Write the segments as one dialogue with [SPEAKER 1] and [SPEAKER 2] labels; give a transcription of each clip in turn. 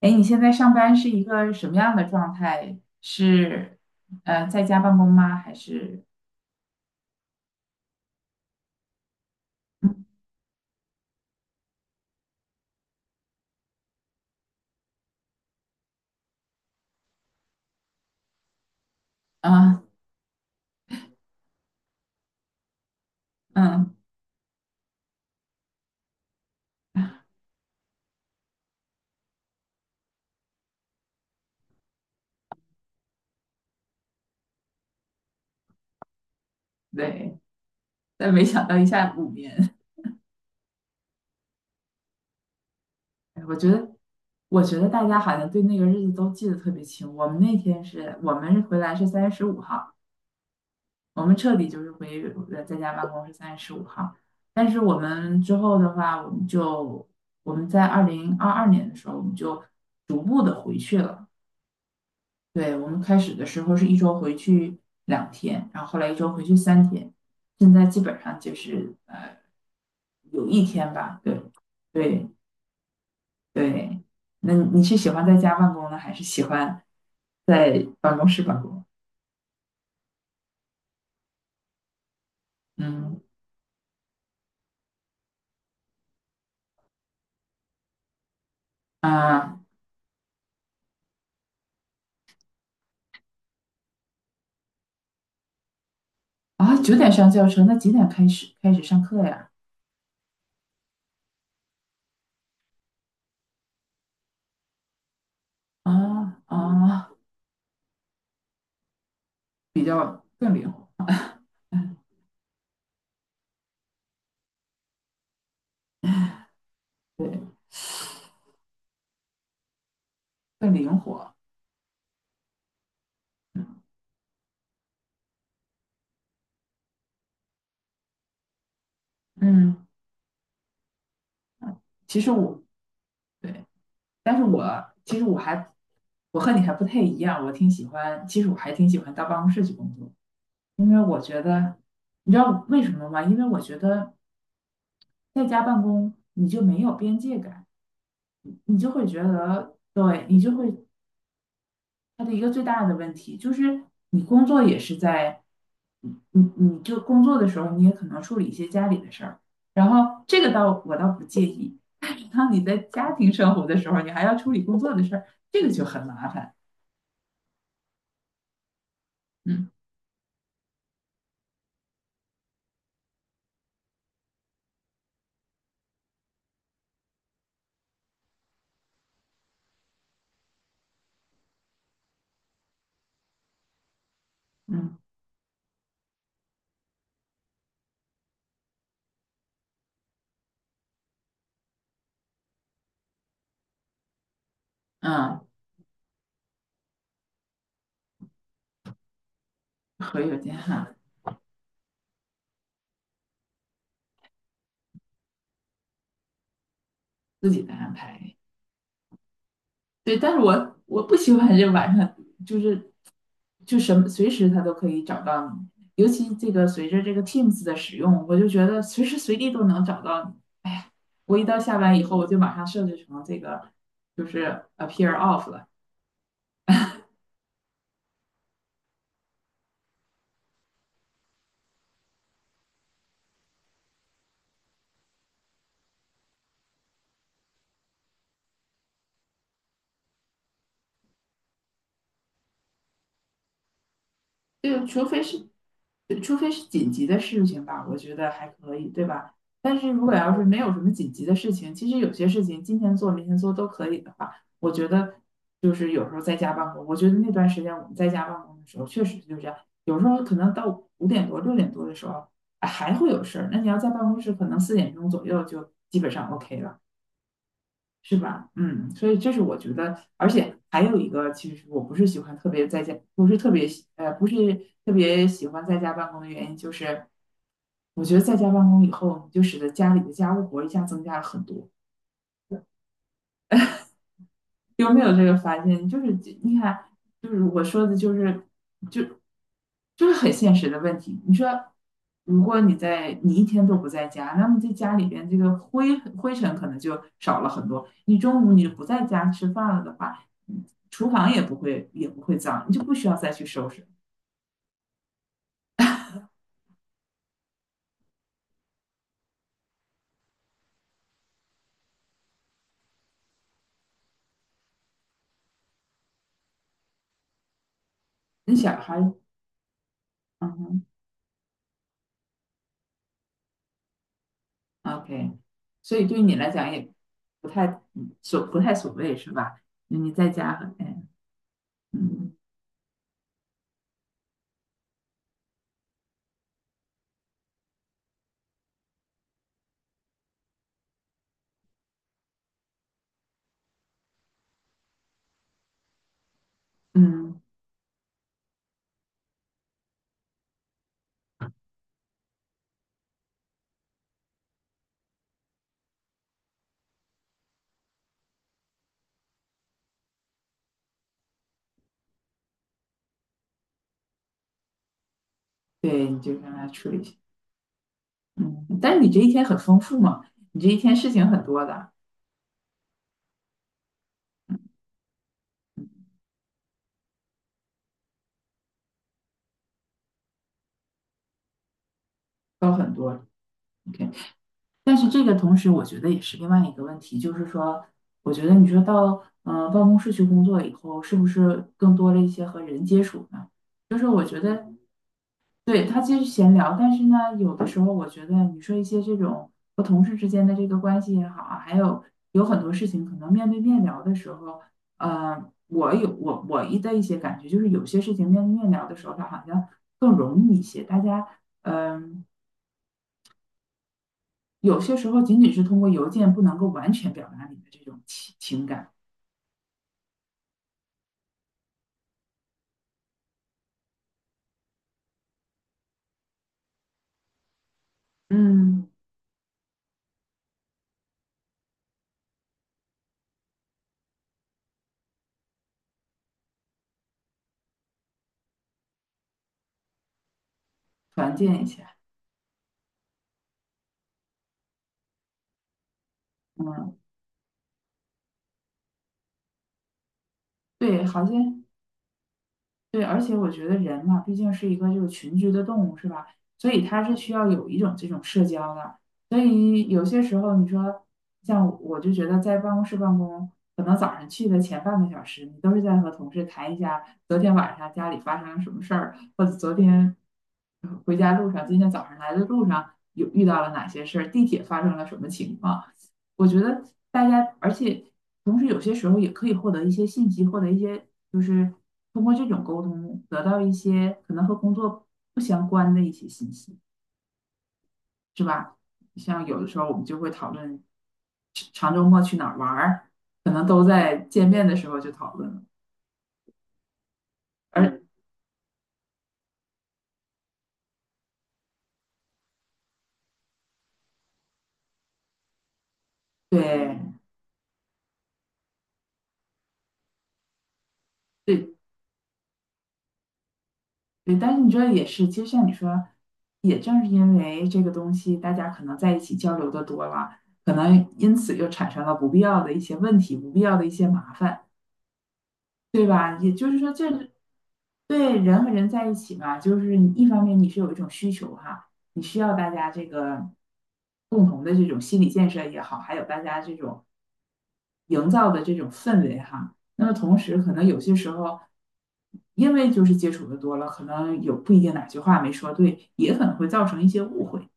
[SPEAKER 1] 哎，你现在上班是一个什么样的状态？是在家办公吗？还是？啊。嗯。对。但没想到一下5年。哎，我觉得大家好像对那个日子都记得特别清。我们那天是我们回来是三月十五号，我们彻底就是在家办公是三月十五号。但是我们之后的话，我们在2022年的时候，我们就逐步的回去了。对，我们开始的时候是一周回去2天，然后后来一周回去3天，现在基本上就是有一天吧。对，对。对。那你是喜欢在家办公呢，还是喜欢在办公室办公？嗯。啊，啊，9点上教程，那几点开始上课呀？啊，啊，更灵活。嗯。对。更灵活。嗯。嗯，其实我。对。但是我其实我还我和你还不太一样。我挺喜欢，其实我还挺喜欢到办公室去工作。因为我觉得，你知道为什么吗？因为我觉得在家办公你就没有边界感，你就会觉得，对，你就会它的一个最大的问题就是你工作也是在，你就工作的时候你也可能处理一些家里的事儿，然后这个倒我倒不介意。但是当你在家庭生活的时候，你还要处理工作的事儿，这个就很麻烦。嗯。嗯嗯，和有间哈，自己再安排。对，但是我不喜欢这晚上，就是什么随时他都可以找到你，尤其这个随着这个 Teams 的使用，我就觉得随时随地都能找到你。哎呀，我一到下班以后，我就马上设置成这个就是 appear off 了。对。除非是紧急的事情吧，我觉得还可以，对吧？但是如果要是没有什么紧急的事情，其实有些事情今天做明天做都可以的话，我觉得就是有时候在家办公，我觉得那段时间我们在家办公的时候，确实就这样，有时候可能到5点多6点多的时候，哎还会有事儿，那你要在办公室，可能4点钟左右就基本上 OK 了。是吧？嗯，所以这是我觉得，而且还有一个，其实我不是喜欢特别在家，不是特别喜欢在家办公的原因，就是我觉得在家办公以后，你就使得家里的家务活一下增加了很多。有没有这个发现？就是你看，就是我说的，就就是很现实的问题。你说，如果你在你一天都不在家，那么在家里边这个灰尘可能就少了很多。你中午你不在家吃饭了的话，嗯，厨房也不会脏，你就不需要再去收拾。你小孩。嗯哼。OK。所以对你来讲也不太不太所谓是吧？你在家很，哎。嗯嗯。对，你就让他处理。嗯，但是你这一天很丰富嘛，你这一天事情很多的。高很多。OK，但是这个同时，我觉得也是另外一个问题，就是说，我觉得你说到办公室去工作以后，是不是更多了一些和人接触呢？就是我觉得。对，他其实闲聊，但是呢，有的时候我觉得你说一些这种和同事之间的这个关系也好啊，还有有很多事情，可能面对面聊的时候，呃，我有我我一的一些感觉，就是有些事情面对面聊的时候，它好像更容易一些。大家，嗯、有些时候仅仅是通过邮件不能够完全表达你的这种情感，嗯。团建一下。嗯。对。好像。对，而且我觉得人嘛，毕竟是一个这个群居的动物，是吧？所以它是需要有一种这种社交的。所以有些时候，你说像我就觉得在办公室办公，可能早上去的前半个小时，你都是在和同事谈一下昨天晚上家里发生了什么事儿，或者昨天回家路上，今天早上来的路上有遇到了哪些事儿，地铁发生了什么情况。我觉得大家，而且同时有些时候也可以获得一些信息，获得一些就是通过这种沟通得到一些可能和工作不相关的一些信息，是吧？像有的时候我们就会讨论长周末去哪儿玩儿，可能都在见面的时候就讨论了。而对，对。对，但是你这也是，其实像你说，也正是因为这个东西，大家可能在一起交流的多了，可能因此又产生了不必要的一些问题，不必要的一些麻烦，对吧？也就是说这，对，人和人在一起嘛，就是你一方面你是有一种需求哈，你需要大家这个共同的这种心理建设也好，还有大家这种营造的这种氛围哈。那么同时，可能有些时候，因为就是接触的多了，可能有不一定哪句话没说对，也可能会造成一些误会。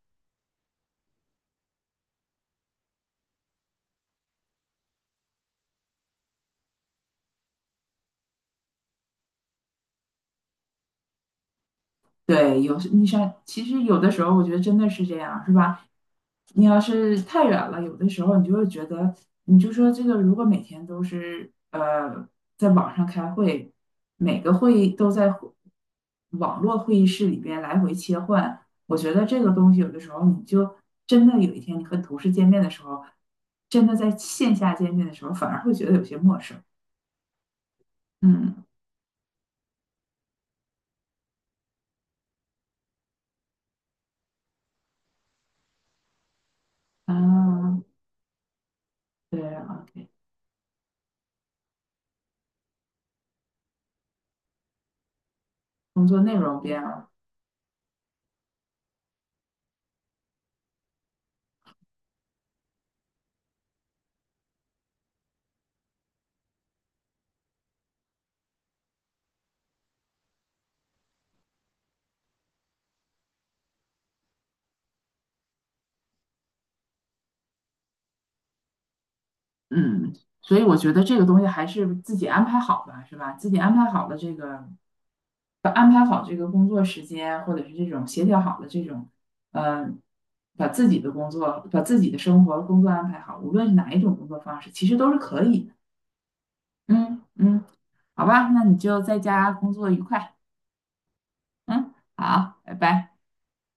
[SPEAKER 1] 对，有时你像，其实有的时候我觉得真的是这样，是吧？你要是太远了，有的时候你就会觉得，你就说这个，如果每天都是在网上开会，每个会议都在网络会议室里边来回切换，我觉得这个东西有的时候你就真的有一天你和同事见面的时候，真的在线下见面的时候，反而会觉得有些陌生。嗯。啊，对啊，工作内容变了。嗯，所以我觉得这个东西还是自己安排好吧，是吧？自己安排好了这个，把安排好这个工作时间，或者是这种协调好了这种，嗯、把自己的工作、把自己的生活、工作安排好，无论是哪一种工作方式，其实都是可以的。嗯嗯。好吧，那你就在家工作愉快。嗯，好，拜拜。